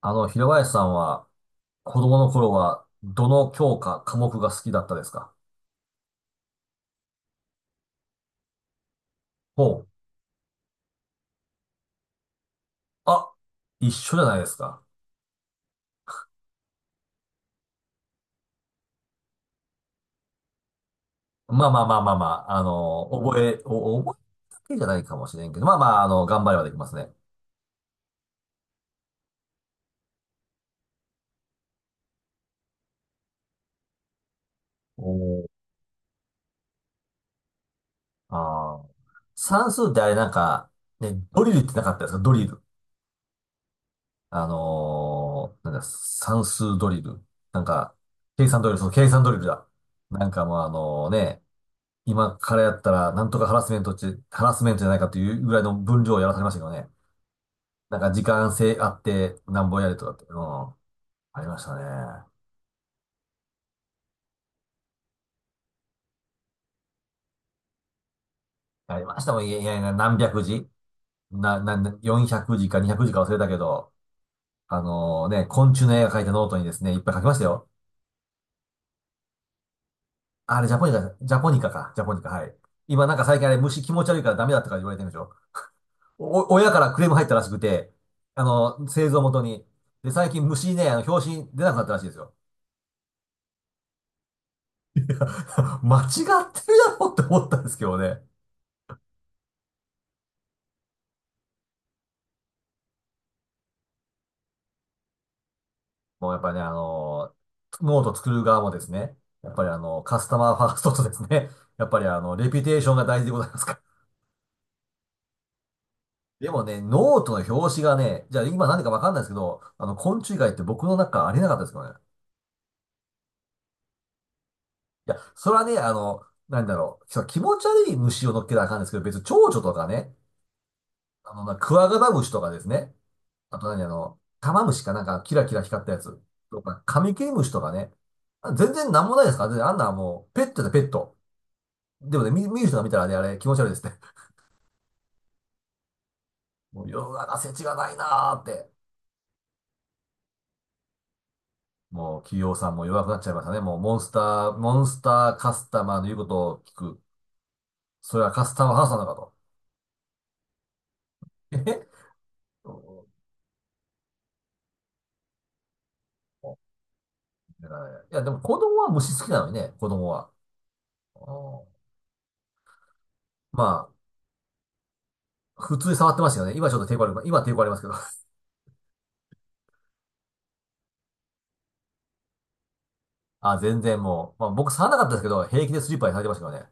平林さんは、子供の頃は、どの教科、科目が好きだったですか？ほう。あ、一緒じゃないですか。まあまあまあまあまあ、覚えだけじゃないかもしれんけど、まあまあ、頑張ればできますね。おー。あー。算数ってあれ、ね、ドリルってなかったですか？ドリル。なんだ、算数ドリル。なんか、計算ドリル、そう、計算ドリルだ。なんかもうあのね、今からやったら、なんとかハラスメントって、ハラスメントじゃないかというぐらいの分量をやらされましたけどね。なんか時間制あって、なんぼやれとかって、うん、ありましたね。ありましたもん、いやいやいや、何百字な、な、400字か200字か忘れたけど、ね、昆虫の絵が描いたノートにですね、いっぱい書きましたよ。あれ、ジャポニカ、ジャポニカか、ジャポニカ、はい。今なんか最近あれ、虫気持ち悪いからダメだったから言われてるんでしょ。親からクレーム入ったらしくて、製造元に。で、最近虫ね、表紙出なくなったらしいですよ。間違ってるだろうって思ったんですけどね。もうやっぱりね、ノート作る側もですね、やっぱりカスタマーファーストとですね、やっぱりレピュテーションが大事でございますから。でもね、ノートの表紙がね、じゃあ今何でかわかんないですけど、昆虫以外って僕の中ありえなかったですけどね。いや、それはね、なんだろう、そう気持ち悪い虫を乗っけたらあかんですけど、別に蝶々とかね、クワガタムシとかですね、あと何あの、玉虫かなんかキラキラ光ったやつとか、カミキリムシとかね。全然なんもないですから、全然あんな、もう、ペットだ、ペット。でもね、見る人が見たらね、あれ気持ち悪いですね。もう世の中世知がないなーって。もう企業さんも弱くなっちゃいましたね。もうモンスターカスタマーの言うことを聞く。それはカスタマーハラスなのかと。えへだからね、いや、でも子供は虫好きなのにね、子供は。うん、まあ、普通に触ってましたよね。今ちょっと抵抗ある、今抵抗ありますけど。あ、全然もう、まあ、僕触らなかったですけど、平気でスリッパにされてましたからね。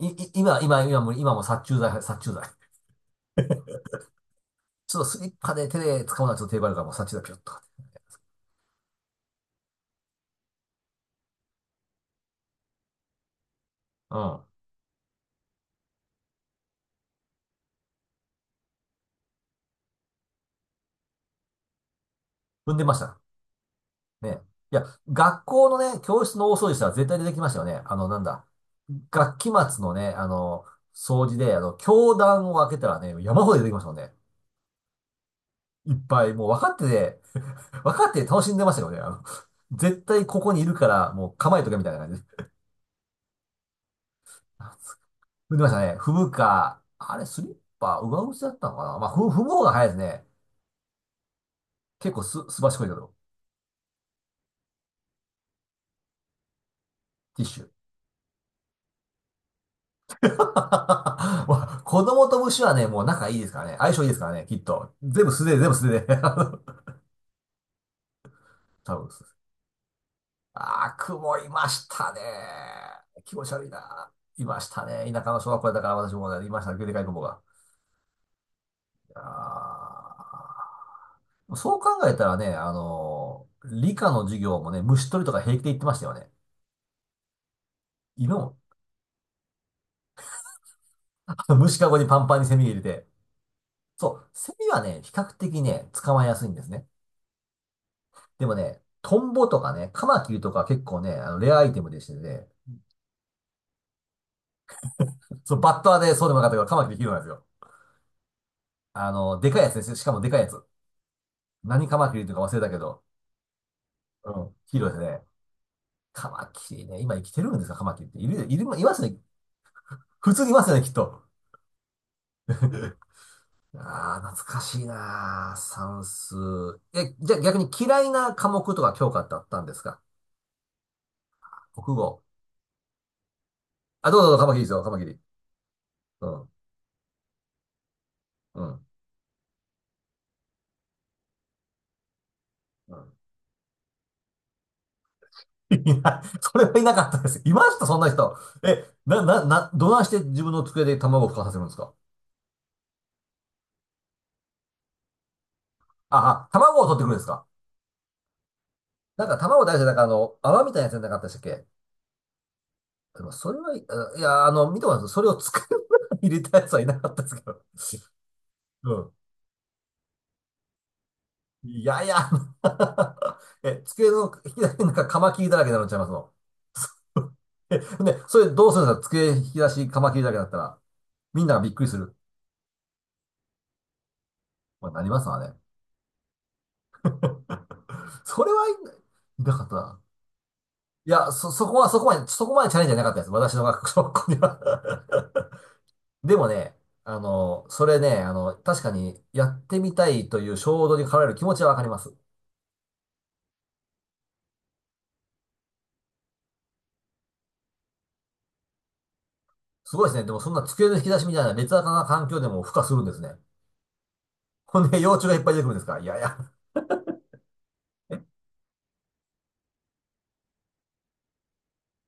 い、い、今、今、今も、今も殺虫剤、殺虫剤。ちょっとスリッパで手で掴むのはちょっと手張るから、もう殺虫剤ピュッとかって。うん。踏んでました。ね。いや、学校のね、教室の大掃除したら絶対出てきましたよね。なんだ。学期末のね、掃除で、教壇を開けたらね、山ほど出てきましたもんね。いっぱい、もう分かってて、分かって楽しんでましたよね。絶対ここにいるから、もう構えとけみたいな感じで。踏んでましたね。踏むか、あれ、スリッパ、上靴だったのかな。まあ、踏む方が早いですね。結構す、すばしこいけど、ティッシュ。まあ子供と虫はね、もう仲いいですからね。相性いいですからね、きっと。全部素手で、全部素手で。多分そうです。雲いましたね。気持ち悪いな。いましたね。田舎の小学校だから私もね、いましたね。でかい雲が。いやー、そう考えたらね、理科の授業もね、虫取りとか平気で言ってましたよね。今も、虫かごにパンパンにセミ入れて。そう、セミはね、比較的ね、捕まえやすいんですね。でもね、トンボとかね、カマキリとか結構ね、レアアイテムでしてね、そう、バッターでそうでもなかったけど、カマキリヒーローなんですよ。でかいやつですよ。しかもでかいやつ。何カマキリとか忘れたけど、うん、ヒーローですね。カマキリね、今生きてるんですか、カマキリって。いる、いる、いますね。普通にいますよね、きっと。ああ、懐かしいなあ、算数。え、じゃあ逆に嫌いな科目とか教科ってあったんですか？国語。あ、どうぞどうぞ、カマキリですよ、カマキリ。うん、うん、うん。いや、それはいなかったです。いましたそんな人。え、な、な、な、どないして自分の机で卵を孵化させるんですか？卵を取ってくるんですか？卵大事だから、泡みたいなやつじゃなかったでしたっけ？でも、それはい、あいや、あの、見てます。それを机の中に入れたやつはいなかったですけど。うん。いやいや、え、机の引き出しなんかカマキリだらけになっちゃいますの。え、でそれどうするんですか？机引き出しカマキリだらけだったら、みんながびっくりする。まあ、なりますわね。それはいな、かったな。いや、そこは、そこまでチャレンジじゃなかったです。私の学校には。 でもね、それね、確かにやってみたいという衝動に駆られる気持ちはわかります。すごいですね。でもそんな机の引き出しみたいな劣悪な環境でも孵化するんですね。ほんで、幼虫がいっぱい出てくるんですから。いやいや。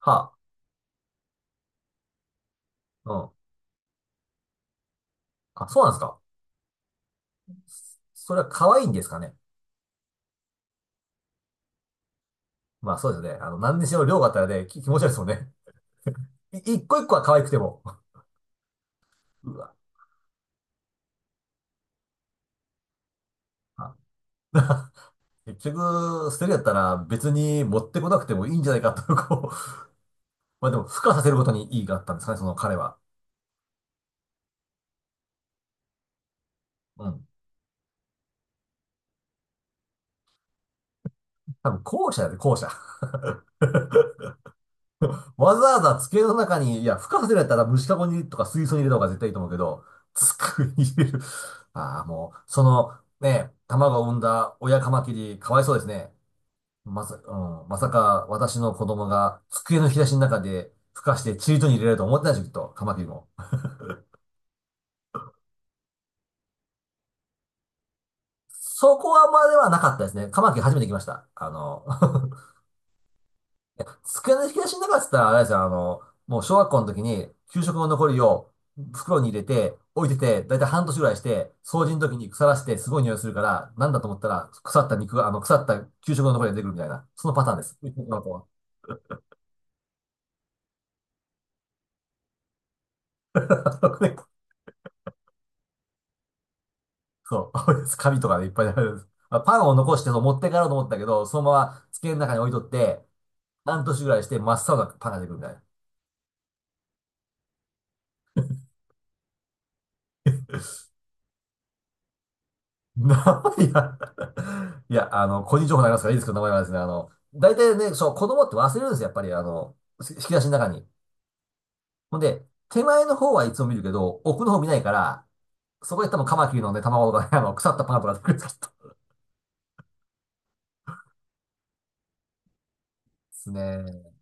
はあ。うん。あ、そうなんですか。それは可愛いんですかね。まあそうですね。何にしろ量があったらね、気持ち悪いですもんね。一個一個は可愛くても。うわ。あ。 結局、捨てるやったら別に持ってこなくてもいいんじゃないかと、こう、まあでも、付加させることに意義があったんですかね、その彼は。うん。多分、後者やで、後者。わざわざ机の中に、いや、付加させるやったら虫かごにとか水槽に入れた方が絶対いいと思うけど、机に入れる。ああ、もう、ね、卵を産んだ親カマキリ、かわいそうですね。うん、まさか私の子供が机の引き出しの中で孵化してチリトに入れられると思ってないでしょ、きっと、カマキリも。そこはまではなかったですね。カマキリ初めて来ました。机の引き出しの中って言ったら、あれですよ、もう小学校の時に給食の残りを袋に入れて置いてて、だいたい半年ぐらいして、掃除の時に腐らしてすごい匂いするから、なんだと思ったら腐った肉が、腐った給食の残りが出てくるみたいな、そのパターンです。女の子は。 そう、紙とかでいっぱいあるんです。まあパンを残してそう持って帰ろうと思ったけど、そのまま机の中に置いとって、半年ぐらいして真っ青なパンが出てくるみたいな。いや、いや、個人情報になりますからいいですけど、名前はですね、大体ね、そう、子供って忘れるんですよ、やっぱり、引き出しの中に。ほんで、手前の方はいつも見るけど、奥の方見ないから、そこで多分カマキリのね、卵とかね、腐ったパンとか出てくるんですけどですね。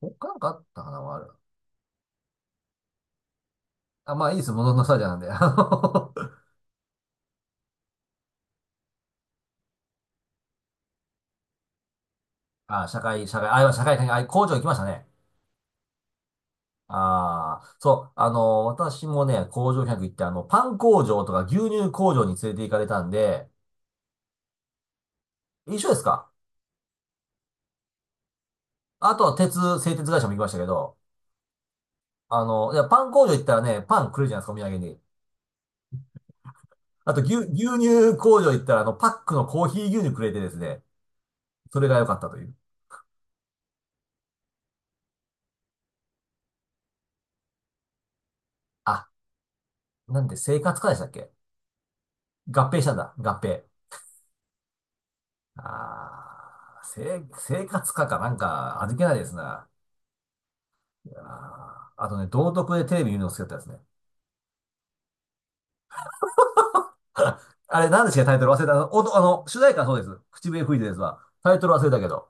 他なんかあったかな、ある。あ、まあいいです、もののスタジアなんで。あ、社会、社会、あ、今社会科に、あ、工場行きましたね。ああ、そう、私もね、工場見学行って、パン工場とか牛乳工場に連れて行かれたんで、一緒ですか？あとは鉄、製鉄会社も行きましたけど、いや、パン工場行ったらね、パンくれるじゃないですか、お土産に。あと、牛、牛乳工場行ったら、パックのコーヒー牛乳くれてですね、それが良かったという。あ、なんで、生活科でしたっけ？合併したんだ、合併。あー、生、生活科かなんか、味気ないですな。いやー、あとね、道徳でテレビ見るの好きだったですね。あれ、なんでしたっけ？タイトル忘れた。あの、おとあの、主題歌そうです。口笛吹いてですわ。タイトル忘れたけど。